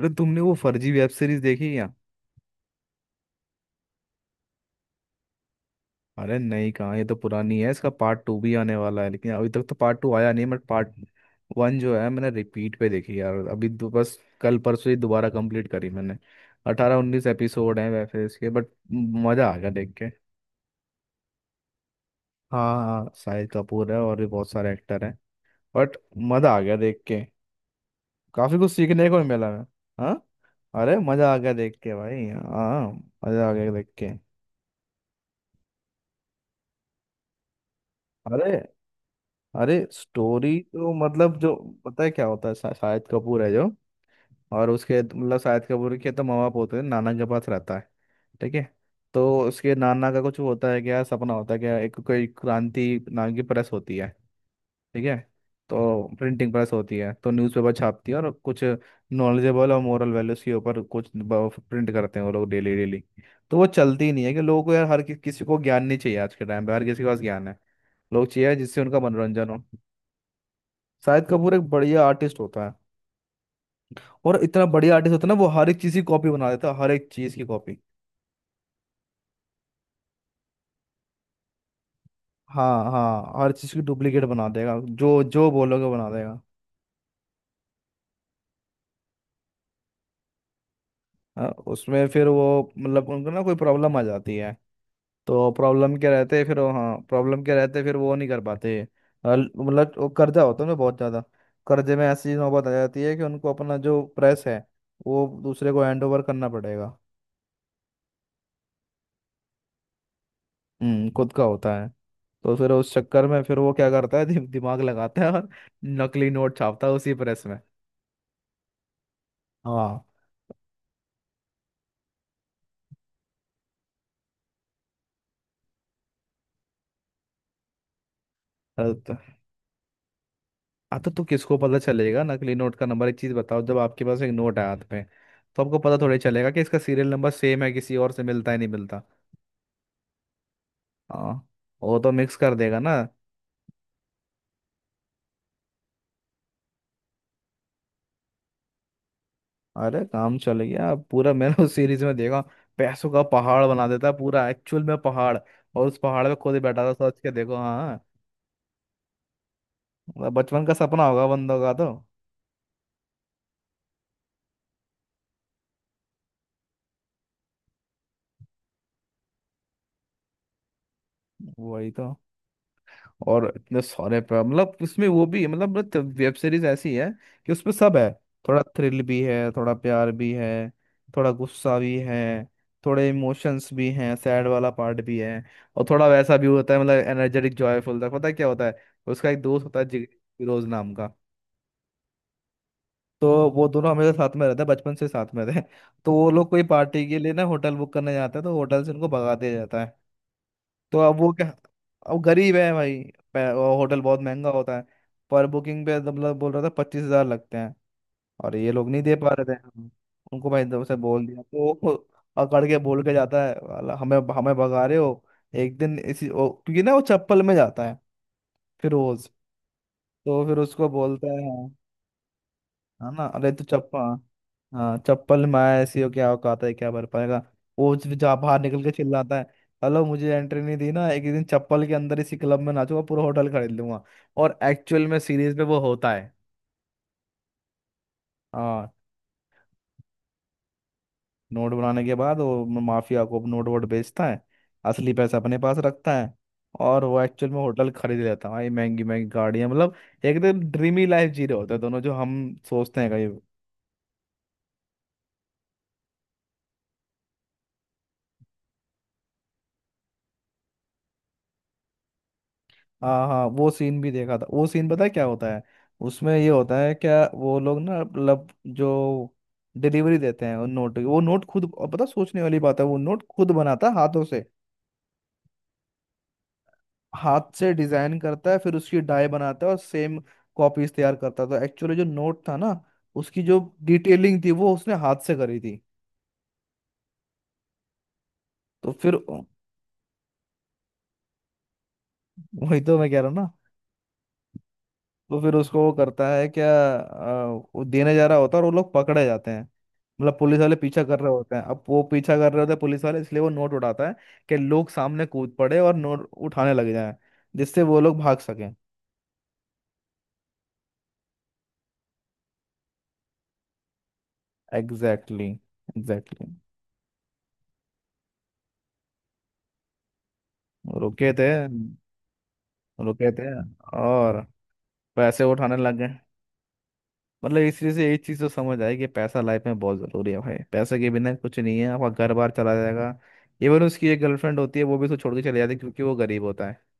अरे तुमने वो फर्जी वेब सीरीज देखी क्या? अरे नहीं, कहाँ, ये तो पुरानी है, इसका पार्ट टू भी आने वाला है, लेकिन अभी तक तो पार्ट टू आया नहीं, बट पार्ट वन जो है, मैंने रिपीट पे देखी यार, अभी दो बस कल परसों ही दोबारा कंप्लीट करी मैंने। 18-19 एपिसोड हैं वेब सीरीज के, बट मज़ा आ गया देख के। हाँ हाँ, शाहिद कपूर है और भी बहुत सारे एक्टर हैं। बट मज़ा आ गया देख के, काफ़ी कुछ सीखने को भी मिला है। हाँ, अरे मज़ा आ गया देख के भाई। हाँ, मज़ा आ गया देख के। अरे, अरे स्टोरी तो मतलब जो, पता है क्या होता है, शाहिद कपूर है जो, और उसके मतलब शाहिद कपूर के तो माँ बाप होते हैं, नाना के पास रहता है। ठीक है। तो उसके नाना का कुछ होता है क्या, सपना होता है क्या, एक कोई क्रांति नाम की प्रेस होती है। ठीक है। तो प्रिंटिंग प्रेस होती है, तो न्यूज़पेपर छापती है और कुछ नॉलेजेबल और मोरल वैल्यूज के ऊपर कुछ प्रिंट करते हैं वो लोग डेली डेली। तो वो चलती ही नहीं है कि लोगों को यार, हर किसी को ज्ञान नहीं चाहिए, आज के टाइम पे हर किसी के पास ज्ञान है। लोग चाहिए जिससे उनका मनोरंजन हो। शाहिद कपूर एक बढ़िया आर्टिस्ट होता है, और इतना बढ़िया आर्टिस्ट होता है ना, वो हर एक चीज की कॉपी बना देता है, हर एक चीज की कॉपी। हाँ हाँ, हर चीज की डुप्लीकेट बना देगा, जो जो बोलोगे बना देगा। हाँ, उसमें फिर वो मतलब उनको ना कोई प्रॉब्लम आ जाती है, तो प्रॉब्लम के रहते फिर हाँ, प्रॉब्लम के रहते फिर वो नहीं कर पाते। मतलब वो कर्जा होता है ना बहुत ज्यादा, कर्जे में ऐसी नौबत आ जाती है कि उनको अपना जो प्रेस है वो दूसरे को हैंड ओवर करना पड़ेगा। हम्म, खुद का होता है। तो फिर उस चक्कर में फिर वो क्या करता है, दिमाग लगाता है और नकली नोट छापता है उसी प्रेस में। हाँ, अरे तो हाँ, तो किसको पता चलेगा नकली नोट का नंबर? एक चीज बताओ, जब आपके पास एक नोट है हाथ में, तो आपको पता थोड़ी चलेगा कि इसका सीरियल नंबर सेम है किसी और से, मिलता है नहीं मिलता। हाँ, वो तो मिक्स कर देगा ना। अरे काम चल गया पूरा, मैंने उस सीरीज में देखा। पैसों का पहाड़ बना देता है पूरा, एक्चुअल में पहाड़, और उस पहाड़ पे खुद ही बैठा था सोच के देखो, हाँ। मतलब बचपन का सपना होगा बंदों का तो। वही तो। और इतने सारे पे मतलब इसमें वो भी है, मतलब वेब सीरीज ऐसी है कि उसमें सब है। थोड़ा थ्रिल भी है, थोड़ा प्यार भी है, थोड़ा गुस्सा भी है, थोड़े इमोशंस भी हैं, सैड वाला पार्ट भी है, और थोड़ा वैसा भी होता है मतलब एनर्जेटिक जॉयफुल तक, पता है क्या होता है? उसका एक दोस्त होता है फिरोज नाम का। तो वो दोनों हमेशा साथ में रहते हैं, बचपन से साथ में थे। तो वो लोग कोई पार्टी के लिए ना होटल बुक करने जाते हैं, तो होटल से उनको भगा दिया जाता है। तो अब वो क्या, अब गरीब है भाई, वो होटल बहुत महंगा होता है, पर बुकिंग पे तो मतलब बोल रहा था 25,000 लगते हैं, और ये लोग नहीं दे पा रहे थे। हम्म। उनको भाई दो से बोल दिया, तो वो अकड़ के बोल के जाता है, "वाला, हमें हमें भगा रहे हो, एक दिन इसी क्योंकि ना वो चप्पल में जाता है, फिरोज। तो फिर उसको बोलता है हाँ, है ना, अरे तू चप्पल, हाँ चप्पल में आया, ऐसी हो, क्या औकात है, क्या भर पाएगा। वो जा बाहर निकल के चिल्लाता है, हेलो, मुझे एंट्री नहीं दी ना, एक दिन चप्पल के अंदर इसी क्लब में नाचूंगा, पूरा होटल खरीद लूंगा। और एक्चुअल में सीरीज में वो होता है। हाँ। नोट बनाने के बाद वो माफिया को नोट वोट बेचता है, असली पैसा अपने पास रखता है। और वो एक्चुअल में होटल खरीद लेता है भाई, महंगी महंगी गाड़ियाँ, मतलब एकदम ड्रीमी लाइफ जी रहे होते हैं दोनों, जो हम सोचते हैं। हाँ हाँ, वो सीन भी देखा था, वो सीन पता है क्या होता है? उसमें ये होता है क्या, वो लोग ना मतलब जो डिलीवरी देते हैं उन नोट की, वो नोट खुद, और पता, सोचने वाली बात है, वो नोट खुद बनाता है हाथों से, हाथ से डिजाइन करता है, फिर उसकी डाई बनाता है और सेम कॉपीज तैयार करता था। एक्चुअली जो नोट था ना, उसकी जो डिटेलिंग थी वो उसने हाथ से करी थी। तो फिर, वही तो मैं कह रहा हूँ ना। तो फिर उसको वो करता है क्या, वो देने जा रहा होता है और वो लोग पकड़े जाते हैं, मतलब पुलिस वाले पीछा कर रहे होते हैं, अब वो पीछा कर रहे होते हैं पुलिस वाले, इसलिए वो नोट उठाता है कि लोग सामने कूद पड़े और नोट उठाने लग जाएं, जिससे वो लोग भाग सकें। Exactly exactly. रुके थे, रुके थे, और पैसे उठाने लग गए। मतलब इसी से एक चीज़ तो समझ आई कि पैसा लाइफ में बहुत ज़रूरी है भाई, पैसे के बिना कुछ नहीं है, आपका घर बार चला जाएगा। इवन उसकी एक गर्लफ्रेंड होती है, वो भी उसको छोड़ के चले जाती है क्योंकि वो गरीब होता है।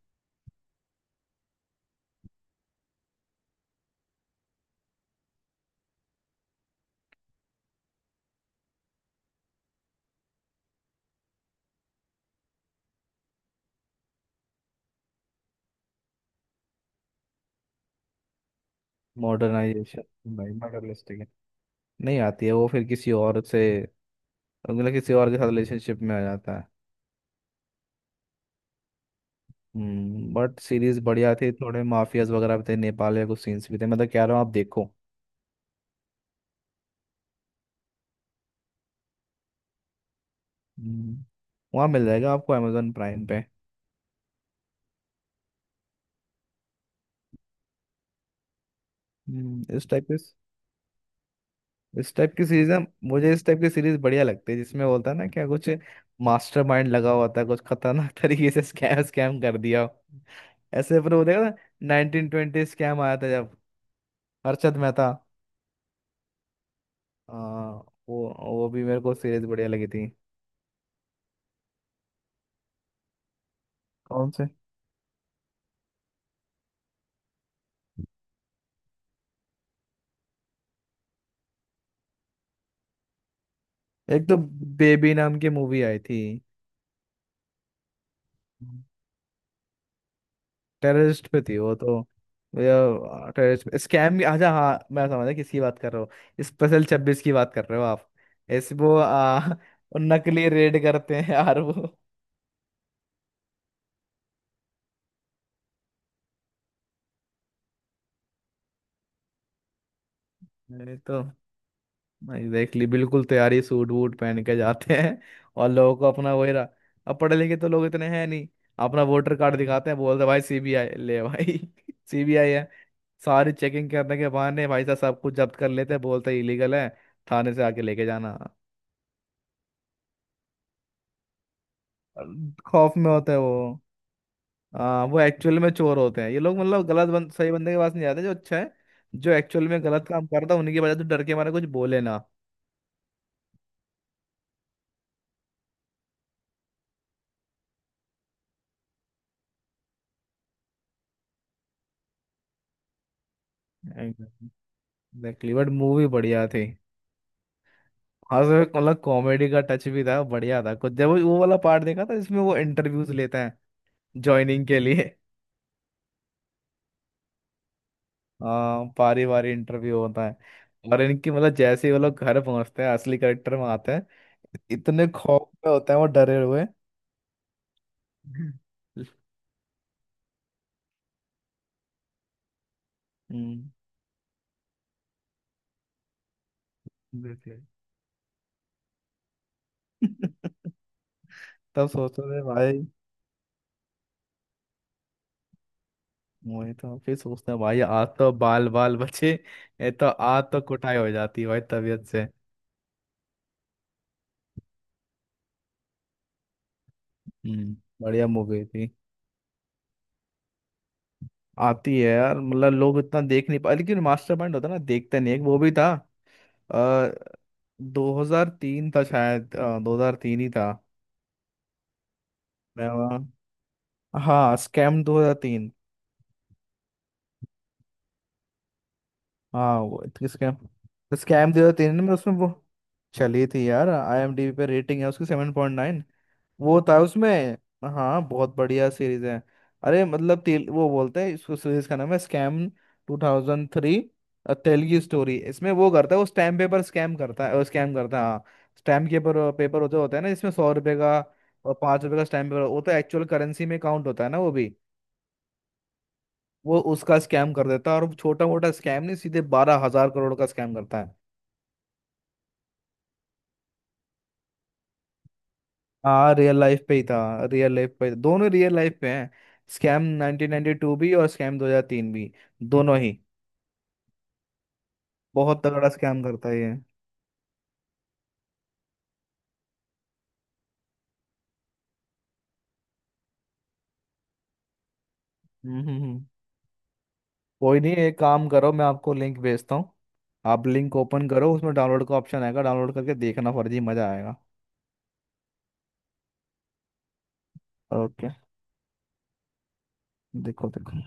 मॉडर्नाइजेशन भाई, मॉडर्निस्टिक है। नहीं आती है, वो फिर किसी और से मतलब किसी और के साथ रिलेशनशिप में आ जाता है। हम्म, बट सीरीज बढ़िया थी, थोड़े माफियाज वगैरह भी थे, नेपाल के कुछ सीन्स भी थे, मैं तो कह रहा हूँ आप देखो। हम्म, वहाँ मिल जाएगा आपको अमेजोन प्राइम पे। हम्म, इस टाइप के इस टाइप की सीरीज है। मुझे इस टाइप की सीरीज बढ़िया लगती है, जिसमें बोलता है ना क्या, कुछ मास्टरमाइंड लगा हुआ था, कुछ खतरनाक तरीके से स्कैम स्कैम कर दिया हो। ऐसे फिर वो देखा था, 1920 स्कैम आया था जब, हर्षद मेहता। हाँ, वो भी मेरे को सीरीज बढ़िया लगी थी। कौन से? एक तो बेबी नाम की मूवी आई थी। टेररिस्ट पे थी वो तो। टेररिस्ट स्कैम, अच्छा हाँ, मैं समझा किसकी बात कर रहे हो, स्पेशल 26 की बात कर रहे हो आप। ऐसे वो नकली रेड करते हैं यार वो। अरे तो एग्जैक्टली, बिल्कुल तैयारी सूट वूट पहन के जाते हैं, और लोगों को अपना वही रहा, अब पढ़े लिखे तो लोग इतने हैं नहीं, अपना वोटर कार्ड दिखाते हैं, बोलते हैं, भाई सीबीआई ले भाई। सीबीआई सारी चेकिंग करने के बहाने भाई साहब सब कुछ जब्त कर लेते हैं, बोलते इलीगल है, थाने से आके लेके जाना। खौफ में होते हैं वो। हाँ, वो एक्चुअल में चोर होते हैं ये लोग, मतलब सही बंदे के पास नहीं जाते जो अच्छा है, जो एक्चुअल में गलत काम करता है उन्हीं के बजाय, तो डर के मारे कुछ बोले ना। एग्जैक्टली, बट मूवी बढ़िया थी। हाँ सर, मतलब कॉमेडी का टच भी था, बढ़िया था कुछ, जब वो वाला पार्ट देखा था, इसमें वो इंटरव्यूज लेते हैं ज्वाइनिंग के लिए। हाँ बारी बारी इंटरव्यू होता है, और इनकी मतलब जैसे ही वो लोग घर पहुंचते हैं असली करेक्टर में आते हैं, इतने खौफ में होते हैं वो, डरे हुए। हम्म, बिल्कुल। तब सोचते थे भाई, वही तो, फिर सोचते हैं भाई, आज तो बाल बाल बचे, ये तो आज तो कुटाई हो जाती भाई तबीयत से। हम्म, बढ़िया मूवी थी। आती है यार, मतलब लोग इतना देख नहीं पा, लेकिन मास्टरमाइंड होता है ना, देखते नहीं, एक वो भी था। अ, 2003 था शायद, 2003 ही था, मैं वहाँ, हाँ स्कैम 2003। हाँ वो स्कैम, 2003 में उसमें वो, चली थी यार, आईएमडीबी पे रेटिंग है उसकी 7.9। वो था उसमें, हाँ, बहुत बढ़िया सीरीज है। अरे मतलब तेल, वो बोलते हैं इसको, सीरीज का नाम है स्कैम 2003, तेलगी स्टोरी, इसमें वो करता है वो स्टैम्प पेपर स्कैम करता है हाँ। स्टैम्प पेपर पेपर होते होता है ना, इसमें 100 रुपए का और 5 रुपए का स्टैम्प पेपर वो तो एक्चुअल करेंसी में काउंट होता है ना वो भी। वो उसका स्कैम कर देता है, और छोटा मोटा स्कैम नहीं, सीधे 12,000 करोड़ का स्कैम करता है। हाँ रियल लाइफ पे ही था, रियल लाइफ पे दोनों रियल लाइफ पे हैं, स्कैम 1992 भी और स्कैम 2003 भी, दोनों ही बहुत तगड़ा स्कैम करता है ये। हम्म हम्म हम्म। कोई नहीं, एक काम करो, मैं आपको लिंक भेजता हूँ, आप लिंक ओपन करो, उसमें डाउनलोड का ऑप्शन आएगा, डाउनलोड करके देखना, फर्जी मजा आएगा। ओके, देखो देखो।